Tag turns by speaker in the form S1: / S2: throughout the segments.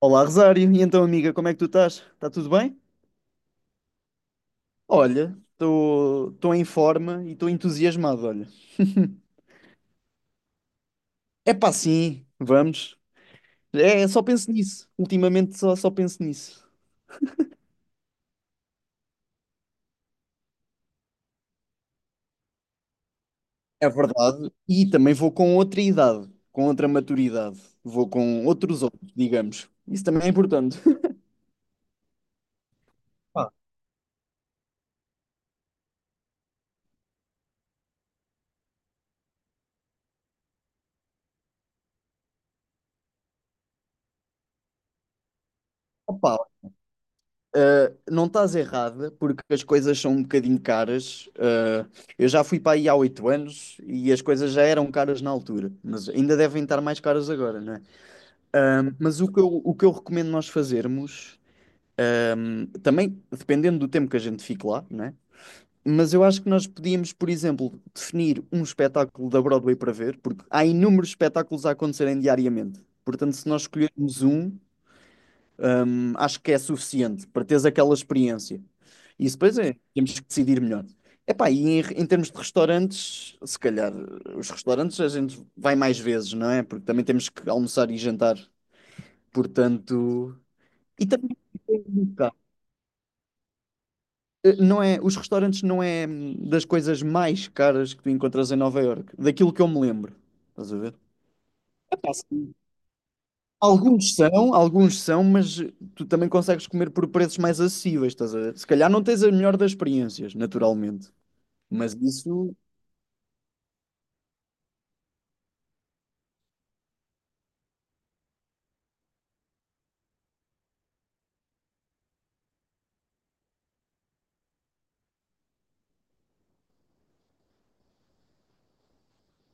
S1: Olá, Rosário. E então, amiga, como é que tu estás? Está tudo bem? Olha, estou em forma e estou entusiasmado, olha. É pá, sim, vamos. É, só penso nisso. Ultimamente só penso nisso. É verdade. E também vou com outra idade, com outra maturidade. Vou com outros olhos, digamos. Isso também é importante. Pá, opá, não estás errada, porque as coisas são um bocadinho caras. Eu já fui para aí há 8 anos e as coisas já eram caras na altura, mas ainda devem estar mais caras agora, não é? Mas o que eu recomendo nós fazermos, também dependendo do tempo que a gente fique lá, não é? Mas eu acho que nós podíamos, por exemplo, definir um espetáculo da Broadway para ver, porque há inúmeros espetáculos a acontecerem diariamente. Portanto, se nós escolhermos um, acho que é suficiente para teres aquela experiência. Isso depois é, temos que decidir melhor. Epá, e em termos de restaurantes, se calhar os restaurantes a gente vai mais vezes, não é? Porque também temos que almoçar e jantar. Portanto, e também não é, os restaurantes não é das coisas mais caras que tu encontras em Nova Iorque, daquilo que eu me lembro. Estás a ver? Epá, sim. Alguns são, mas tu também consegues comer por preços mais acessíveis, estás a ver? Se calhar não tens a melhor das experiências, naturalmente. Mas isso,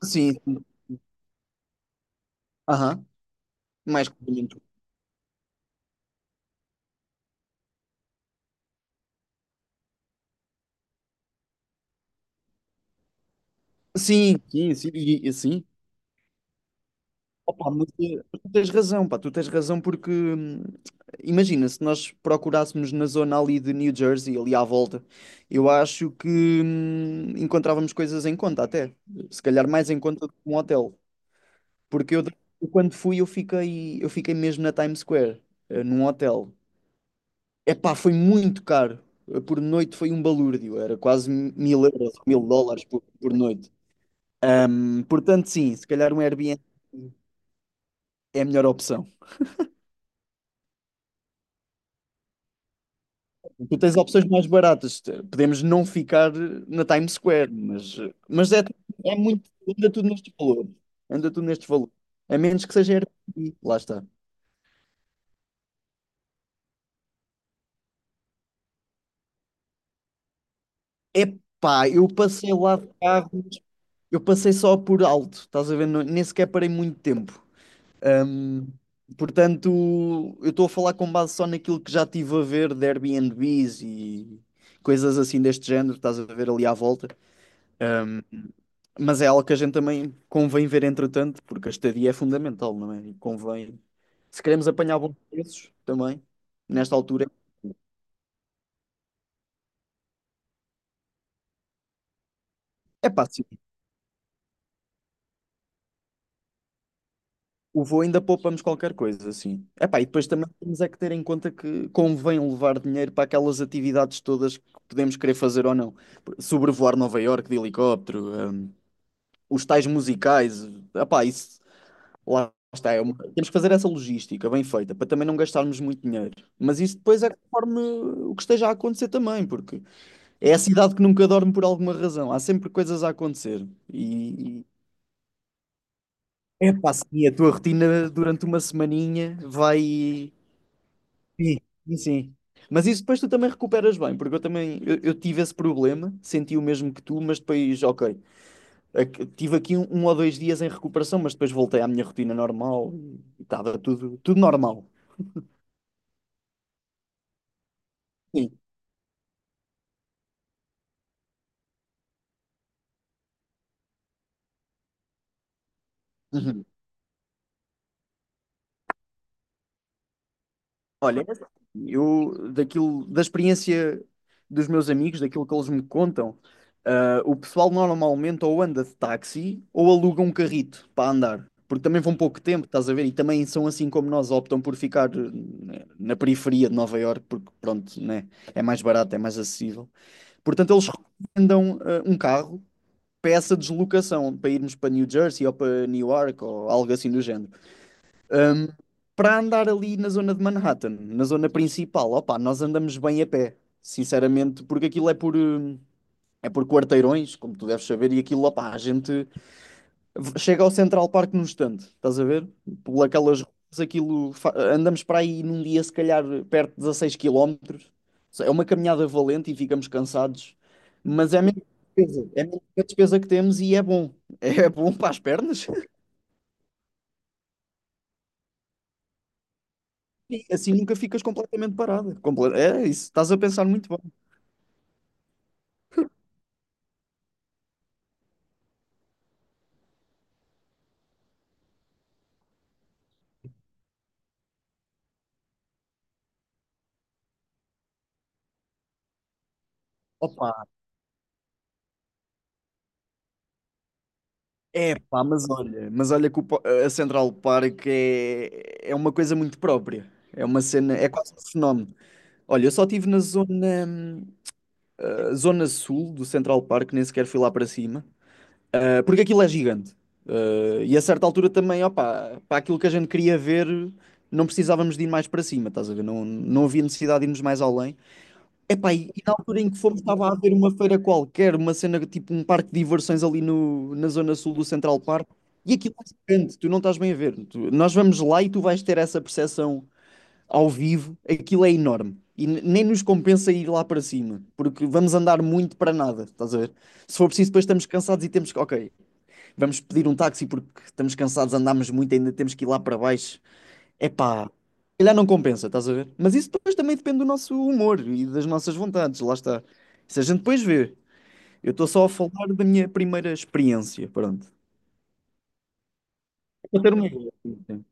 S1: sim, sim. Aham, mais complemento. Sim, sim, sim, e sim. Opa, mas tu tens razão, pá, tu tens razão porque imagina, se nós procurássemos na zona ali de New Jersey, ali à volta, eu acho que encontrávamos coisas em conta até. Se calhar mais em conta do que um hotel. Porque eu quando fui, eu fiquei mesmo na Times Square, num hotel. Epá, foi muito caro. Por noite foi um balúrdio, era quase mil euros, 1.000 dólares por noite. Portanto, sim, se calhar um Airbnb é a melhor opção. Tu tens opções mais baratas. Te- Podemos não ficar na Times Square, mas, eh, mas é, é muito. Anda tudo nestes valores. Anda tudo nestes valores. A menos que seja Airbnb, lá está. Epá, eu passei lá de carro. Eu passei só por alto, estás a ver? Não- Nem sequer parei muito tempo. Ahm, portanto, eu estou a falar com base só naquilo que já tive a ver de Airbnbs e coisas assim deste género, estás a ver ali à volta. Mas é algo que a gente também convém ver entretanto, porque a estadia é fundamental, não é? E convém. Se queremos apanhar bons preços também, nesta altura, é pá, o voo ainda poupamos qualquer coisa, assim. Epá, e depois também temos é que ter em conta que convém levar dinheiro para aquelas atividades todas que podemos querer fazer ou não. Sobrevoar Nova Iorque de helicóptero, os tais musicais. Epá, isso lá está. É uma... Temos que fazer essa logística bem feita para também não gastarmos muito dinheiro. Mas isso depois é conforme o que esteja a acontecer também, porque é a cidade que nunca dorme por alguma razão. Há sempre coisas a acontecer. E... Epá, sim, a tua rotina durante uma semaninha vai. Sim, sim, sim. Mas isso depois tu também recuperas bem, porque eu também eu tive esse problema, senti o mesmo que tu, mas depois, ok, ac- tive aqui um ou 2 dias em recuperação, mas depois voltei à minha rotina normal e estava tudo normal. Sim. Uhum. Olha, eu daquilo, da experiência dos meus amigos, daquilo que eles me contam, ah, o pessoal normalmente ou anda de táxi ou aluga um carrito para andar, porque também vão pouco tempo, estás a ver? E também são assim como nós, optam por ficar na periferia de Nova Iorque, porque pronto, né? É mais barato, é mais acessível. Portanto, eles recomendam ah, um carro para essa deslocação, para irmos para New Jersey ou para Newark ou algo assim do género, hum, para andar ali na zona de Manhattan, na zona principal. Opa, nós andamos bem a pé, sinceramente, porque aquilo é por, é por quarteirões, como tu deves saber, e aquilo, opa, a gente chega ao Central Park num instante, estás a ver? Por aquelas ruas, aquilo, fa- andamos para aí num dia, se calhar, perto de 16 quilómetros. É uma caminhada valente e ficamos cansados, mas é mesmo. Despesa, é mesmo a despesa que temos e é bom. É bom para as pernas. E assim nunca ficas completamente parada. Comple- É isso, estás a pensar muito bem. Opa, é pá, mas olha que o po- a Central Park é, é uma coisa muito própria. É uma cena, é quase um fenómeno. Olha, eu só estive na zona, ah, zona sul do Central Park, nem sequer fui lá para cima. Ah, porque aquilo é gigante. Ah, e a certa altura também, opa, para aquilo que a gente queria ver, não precisávamos de ir mais para cima, estás a ver? Não, não havia necessidade de irmos mais além. Epá, e na altura em que fomos estava a haver uma feira qualquer, uma cena tipo um parque de diversões ali no, na zona sul do Central Park, e aquilo é gigante, tu não estás bem a ver. Tu- nós vamos lá e tu vais ter essa percepção ao vivo, aquilo é enorme. E n- nem nos compensa ir lá para cima, porque vamos andar muito para nada, estás a ver? Se for preciso, depois estamos cansados e temos que, ok, vamos pedir um táxi porque estamos cansados, andámos muito, ainda temos que ir lá para baixo. Epá, se calhar não compensa, estás a ver? Mas isso depois também depende do nosso humor e das nossas vontades, lá está. Isso a gente depois vê. Eu estou só a falar da minha primeira experiência, pronto. Para ter uma ideia. Sim.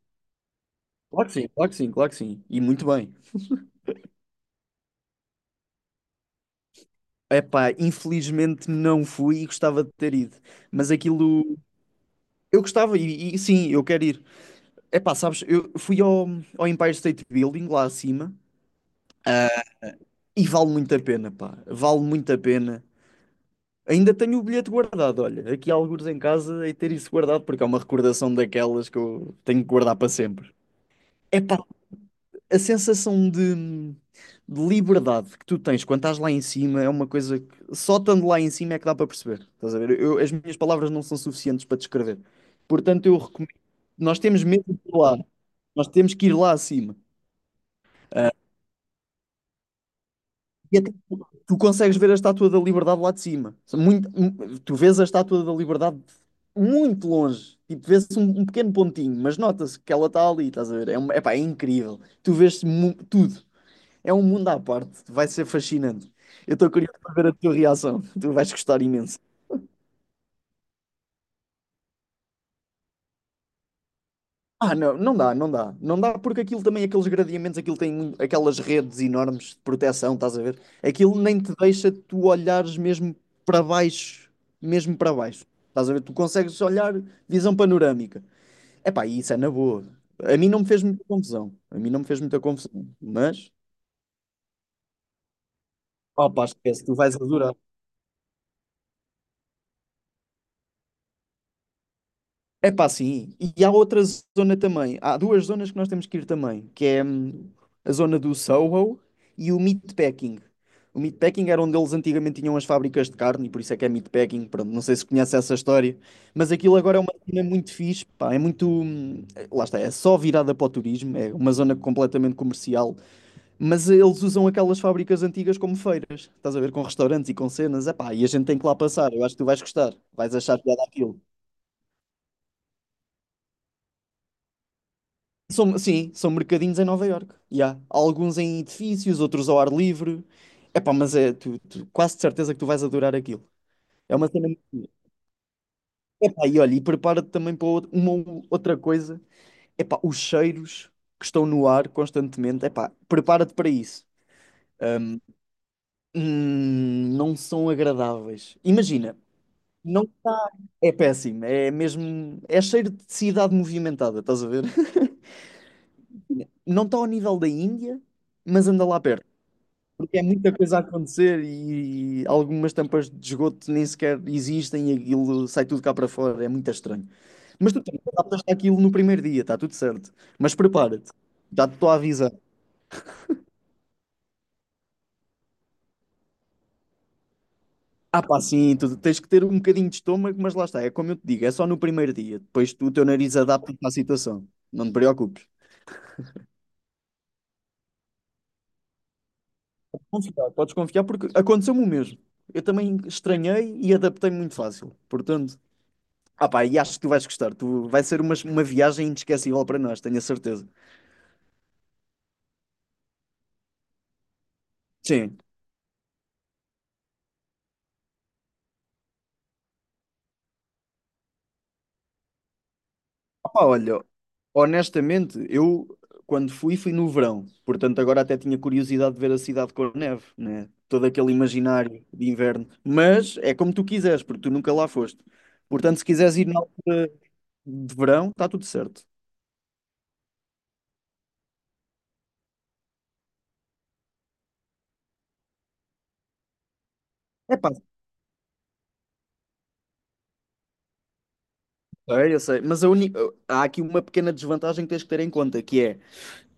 S1: Claro que sim, claro que sim, claro que sim. E muito bem. Epá, infelizmente não fui e gostava de ter ido. Mas aquilo... Eu gostava e sim, eu quero ir. Epá, sabes, eu fui ao, ao Empire State Building, lá acima, ah, e vale muito a pena, pá. Vale muito a pena. Ainda tenho o bilhete guardado, olha. Aqui há alguns em casa e ter isso guardado, porque é uma recordação daquelas que eu tenho que guardar para sempre. Epá, a sensação de liberdade que tu tens quando estás lá em cima é uma coisa que só estando lá em cima é que dá para perceber. Estás a ver? Eu- as minhas palavras não são suficientes para descrever. Portanto, eu recomendo. Nós temos mesmo de ir lá. Nós temos que ir lá acima. E até tu, tu consegues ver a Estátua da Liberdade lá de cima. Muito, mu- tu vês a Estátua da Liberdade muito longe. Tipo, vê-se um pequeno pontinho, mas nota-se que ela está ali, estás a ver? É, uma... epá, é incrível. Tu vês mu- tudo. É um mundo à parte. Vai ser fascinante. Eu estou curioso para ver a tua reação. Tu vais gostar imenso. Ah, não, não dá, não dá. Não dá porque aquilo também, aqueles gradeamentos, aquilo tem muito- aquelas redes enormes de proteção, estás a ver? Aquilo nem te deixa tu olhares mesmo para baixo, mesmo para baixo. Estás a ver? Tu consegues olhar visão panorâmica. Epá, e isso é na boa. A mim não me fez muita confusão. A mim não me fez muita confusão. Mas, opá, esquece, tu vais adorar. É pá, sim. E há outra zona também. Há duas zonas que nós temos que ir também, que é a zona do Soho e o Meatpacking. O Meatpacking era onde eles antigamente tinham as fábricas de carne, e por isso é que é Meatpacking. Pronto, não sei se conhece essa história, mas aquilo agora é uma zona muito fixe, pá, é muito... lá está, é só virada para o turismo, é uma zona completamente comercial, mas eles usam aquelas fábricas antigas como feiras. Estás a ver, com restaurantes e com cenas, é pá, e a gente tem que lá passar. Eu acho que tu vais gostar, vais achar piada aquilo. São, sim, são mercadinhos em Nova Iorque. E há alguns em edifícios, outros ao ar livre. Epá, mas é tu, tu- quase de certeza que tu vais adorar aquilo. É uma cena muito bonita. Epá, e olha, e prepara-te também para outra... uma ou... outra coisa. Epá, os cheiros que estão no ar constantemente. Epá, prepara-te para isso. Não são agradáveis. Imagina, não é péssimo. É mesmo. É cheiro de cidade movimentada, estás a ver? Não está ao nível da Índia, mas anda lá perto. Porque é muita coisa a acontecer e algumas tampas de esgoto nem sequer existem e aquilo sai tudo cá para fora, é muito estranho. Mas tu também adaptaste aquilo no primeiro dia, está tudo certo. Mas prepara-te, já te estou a avisar. Ah, pá, sim, tu tens que ter um bocadinho de estômago, mas lá está, é como eu te digo, é só no primeiro dia. Depois tu, o teu nariz adapta-te à situação, não te preocupes. Confiar, podes confiar porque aconteceu-me o mesmo. Eu também estranhei e adaptei-me muito fácil. Portanto, ah pá, e acho que tu vais gostar. Tu, vai ser uma viagem inesquecível para nós, tenho a certeza. Sim. Ah pá, olha, honestamente, eu quando fui, fui no verão. Portanto, agora até tinha curiosidade de ver a cidade com neve, né? Todo aquele imaginário de inverno. Mas é como tu quiseres, porque tu nunca lá foste. Portanto, se quiseres ir na altura de verão, está tudo certo. É pá, eu sei, eu sei. Mas a uni- há aqui uma pequena desvantagem que tens que ter em conta, que é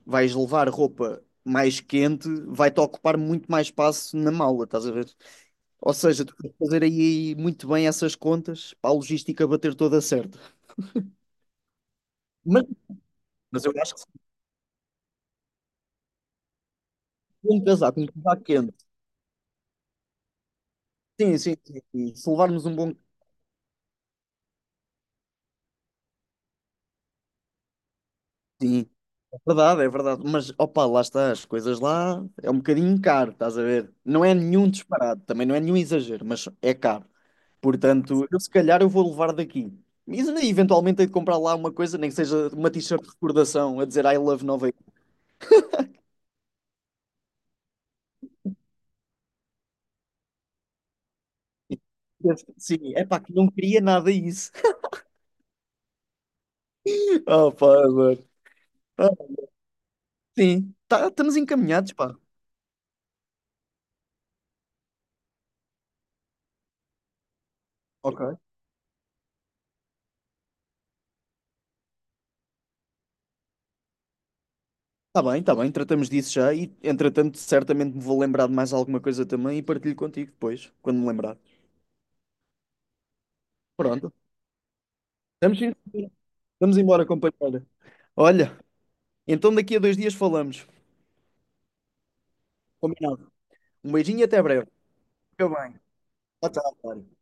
S1: vais levar roupa mais quente, vai-te ocupar muito mais espaço na mala, estás a ver? Ou seja, tu tens fazer aí muito bem essas contas para a logística bater toda certa. Mas, mas eu acho que se for um casaco quente, sim, sim, sim, sim. Se levarmos um bom. Sim, é verdade, é verdade. Mas opa, lá está, as coisas lá é um bocadinho caro, estás a ver? Não é nenhum disparado, também não é nenhum exagero, mas é caro. Portanto, eu se calhar eu vou levar daqui. Mas eu eventualmente hei de comprar lá uma coisa, nem que seja uma t-shirt de recordação a dizer I love Nova York. Sim, é pá, que não queria nada isso. Oh, pá, mano. Ah, sim, tá... estamos encaminhados, pá. Ok. Está bem, tratamos disso já e, entretanto, certamente me vou lembrar de mais alguma coisa também e partilho contigo depois, quando me lembrar. Pronto. Estamos, sim, senhora. Vamos embora, companheira. Olha, então daqui a 2 dias falamos. Combinado. Um beijinho e até breve. Fica bem. Tchau, tchau, Mário.